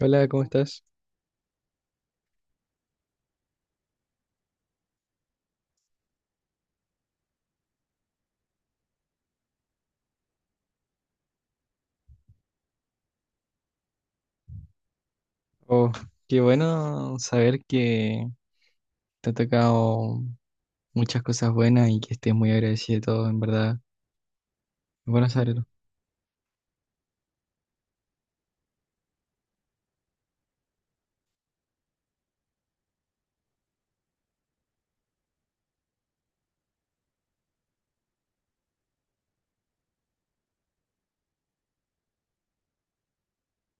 Hola, ¿cómo estás? Oh, qué bueno saber que te ha tocado muchas cosas buenas y que estés muy agradecido de todo, en verdad. Es bueno saberlo.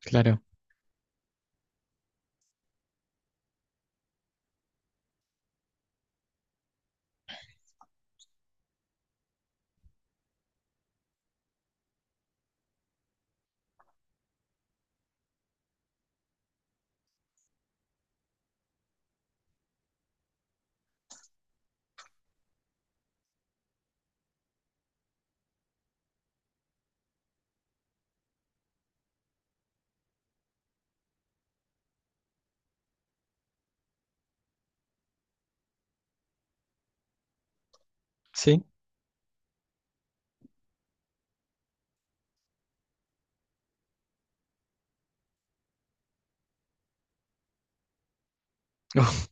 Claro, sí. Oh,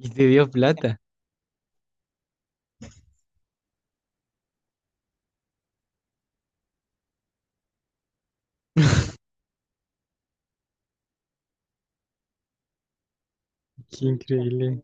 y te dio plata. Qué increíble,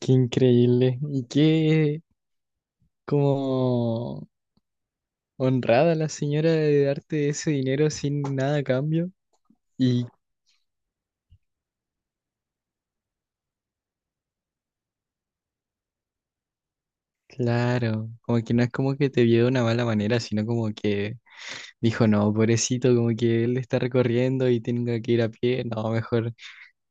qué increíble. Y qué como honrada la señora de darte ese dinero sin nada a cambio. Y claro, como que no es como que te vio de una mala manera, sino como que dijo, no, pobrecito, como que él está recorriendo y tenga que ir a pie. No, mejor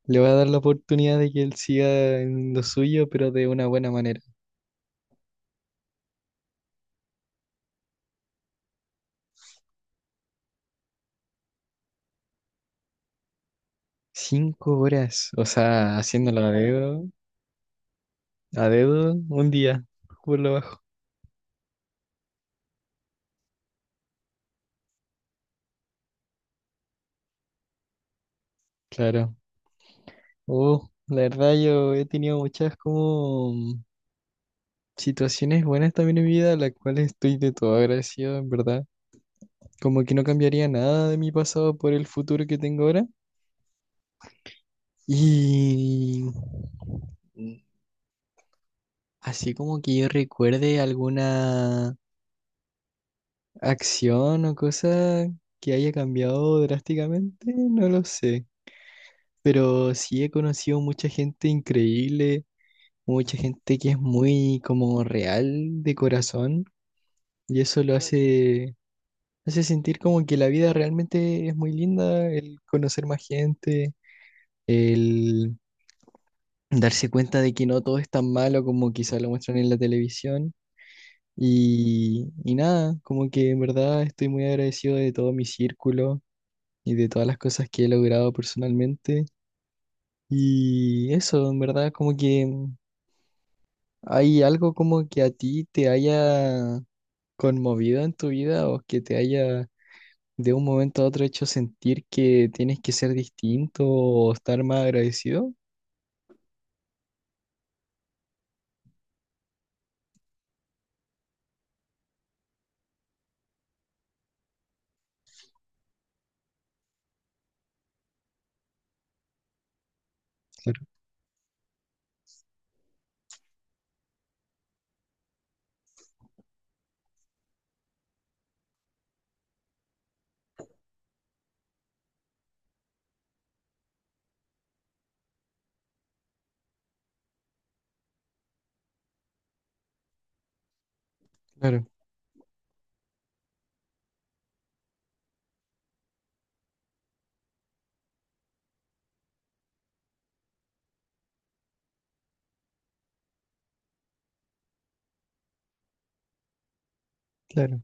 le voy a dar la oportunidad de que él siga en lo suyo, pero de una buena manera. 5 horas, o sea, haciéndolo a dedo, un día, por lo bajo. Claro. Oh, la verdad yo he tenido muchas como situaciones buenas también en mi vida, a las cuales estoy de todo agradecido, en verdad. Como que no cambiaría nada de mi pasado por el futuro que tengo ahora. Y... así como que yo recuerde alguna acción o cosa que haya cambiado drásticamente, no lo sé. Pero sí he conocido mucha gente increíble, mucha gente que es muy como real de corazón y eso lo hace, hace sentir como que la vida realmente es muy linda, el conocer más gente, el darse cuenta de que no todo es tan malo como quizá lo muestran en la televisión. Y nada, como que en verdad estoy muy agradecido de todo mi círculo y de todas las cosas que he logrado personalmente. Y eso, en verdad, como que hay algo como que a ti te haya conmovido en tu vida o que te haya de un momento a otro hecho sentir que tienes que ser distinto o estar más agradecido. Claro. Claro, claro.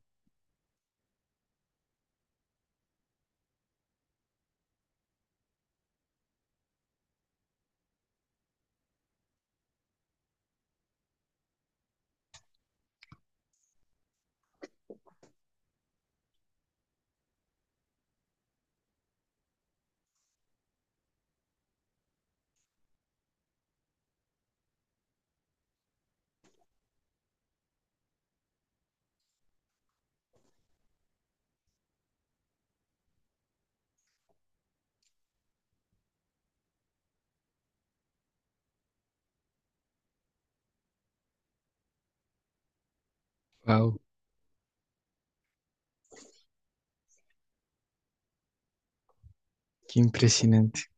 Wow, qué impresionante.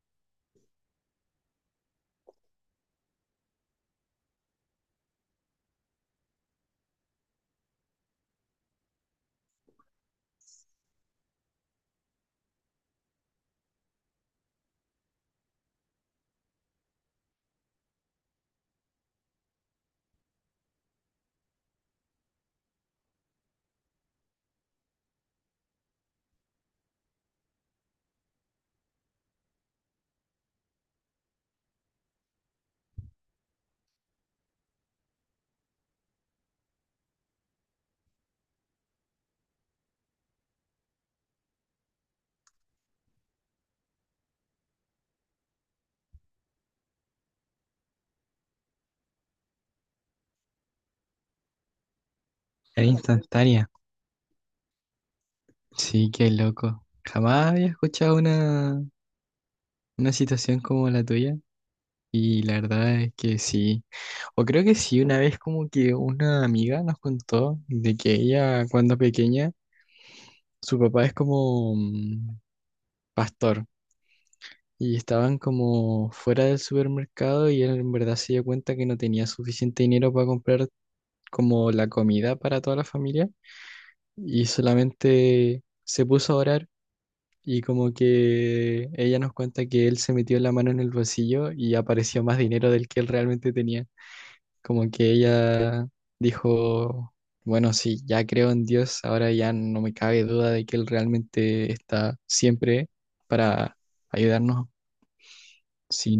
Era instantánea. Sí, qué loco. Jamás había escuchado una. Una situación como la tuya y la verdad es que sí, o creo que sí, una vez como que una amiga nos contó de que ella cuando pequeña, su papá es como pastor y estaban como fuera del supermercado y él en verdad se dio cuenta que no tenía suficiente dinero para comprar como la comida para toda la familia y solamente se puso a orar. Y como que ella nos cuenta que él se metió la mano en el bolsillo y apareció más dinero del que él realmente tenía. Como que ella dijo, bueno, sí, ya creo en Dios, ahora ya no me cabe duda de que Él realmente está siempre para ayudarnos. Sí,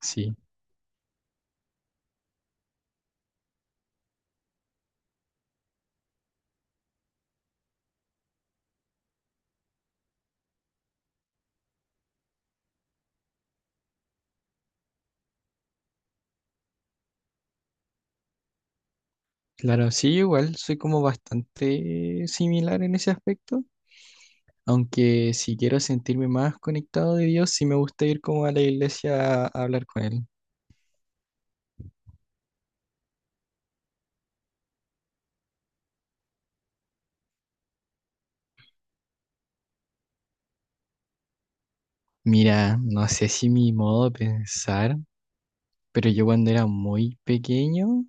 sí. Claro, sí, yo igual soy como bastante similar en ese aspecto, aunque si quiero sentirme más conectado de Dios, sí me gusta ir como a la iglesia a hablar con Él. Mira, no sé si mi modo de pensar, pero yo cuando era muy pequeño,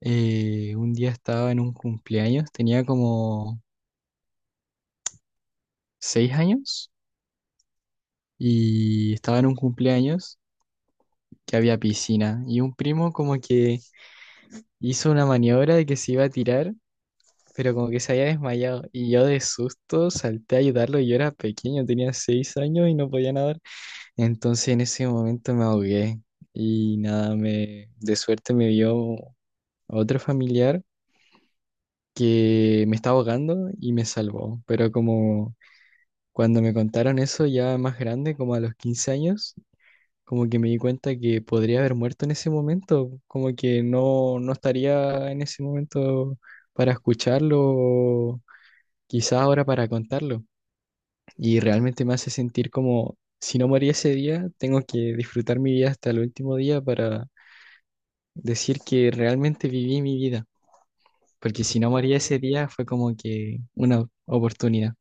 eh, un día estaba en un cumpleaños, tenía como 6 años y estaba en un cumpleaños que había piscina y un primo como que hizo una maniobra de que se iba a tirar, pero como que se había desmayado y yo de susto salté a ayudarlo y yo era pequeño, tenía 6 años y no podía nadar. Entonces en ese momento me ahogué y nada, de suerte me vio otro familiar que me estaba ahogando y me salvó, pero como... cuando me contaron eso ya más grande, como a los 15 años, como que me di cuenta que podría haber muerto en ese momento, como que no, no estaría en ese momento para escucharlo, o quizá ahora para contarlo. Y realmente me hace sentir como, si no morí ese día, tengo que disfrutar mi vida hasta el último día para decir que realmente viví mi vida, porque si no morí ese día fue como que una oportunidad.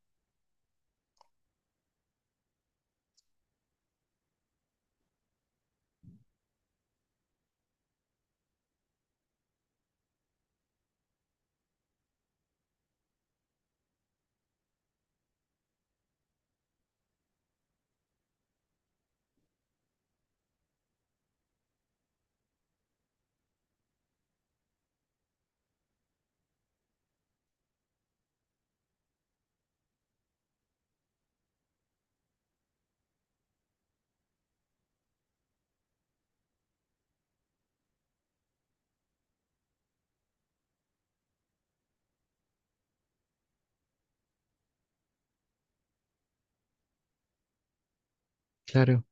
Claro,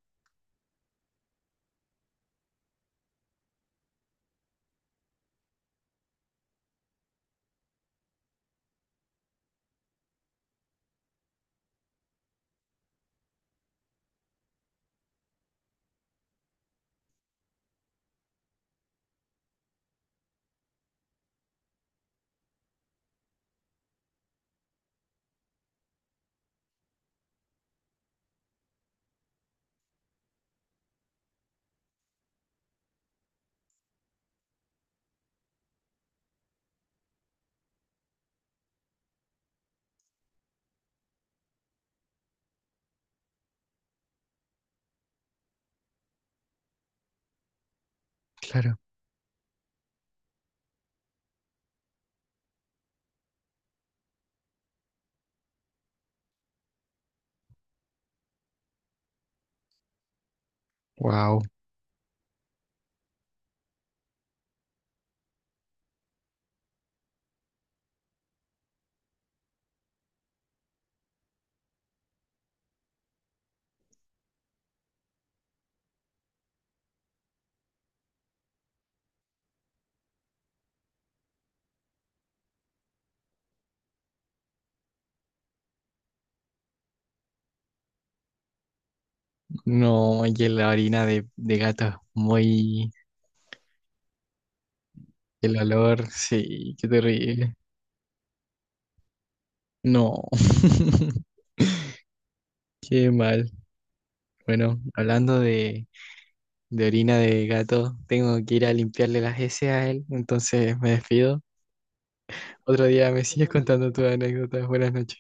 claro. Wow. No, y que la orina de gato muy... El olor, sí, qué terrible. No, qué mal. Bueno, hablando de orina de gato, tengo que ir a limpiarle las heces a él, entonces me despido. Otro día me sigues contando tus anécdotas. Buenas noches.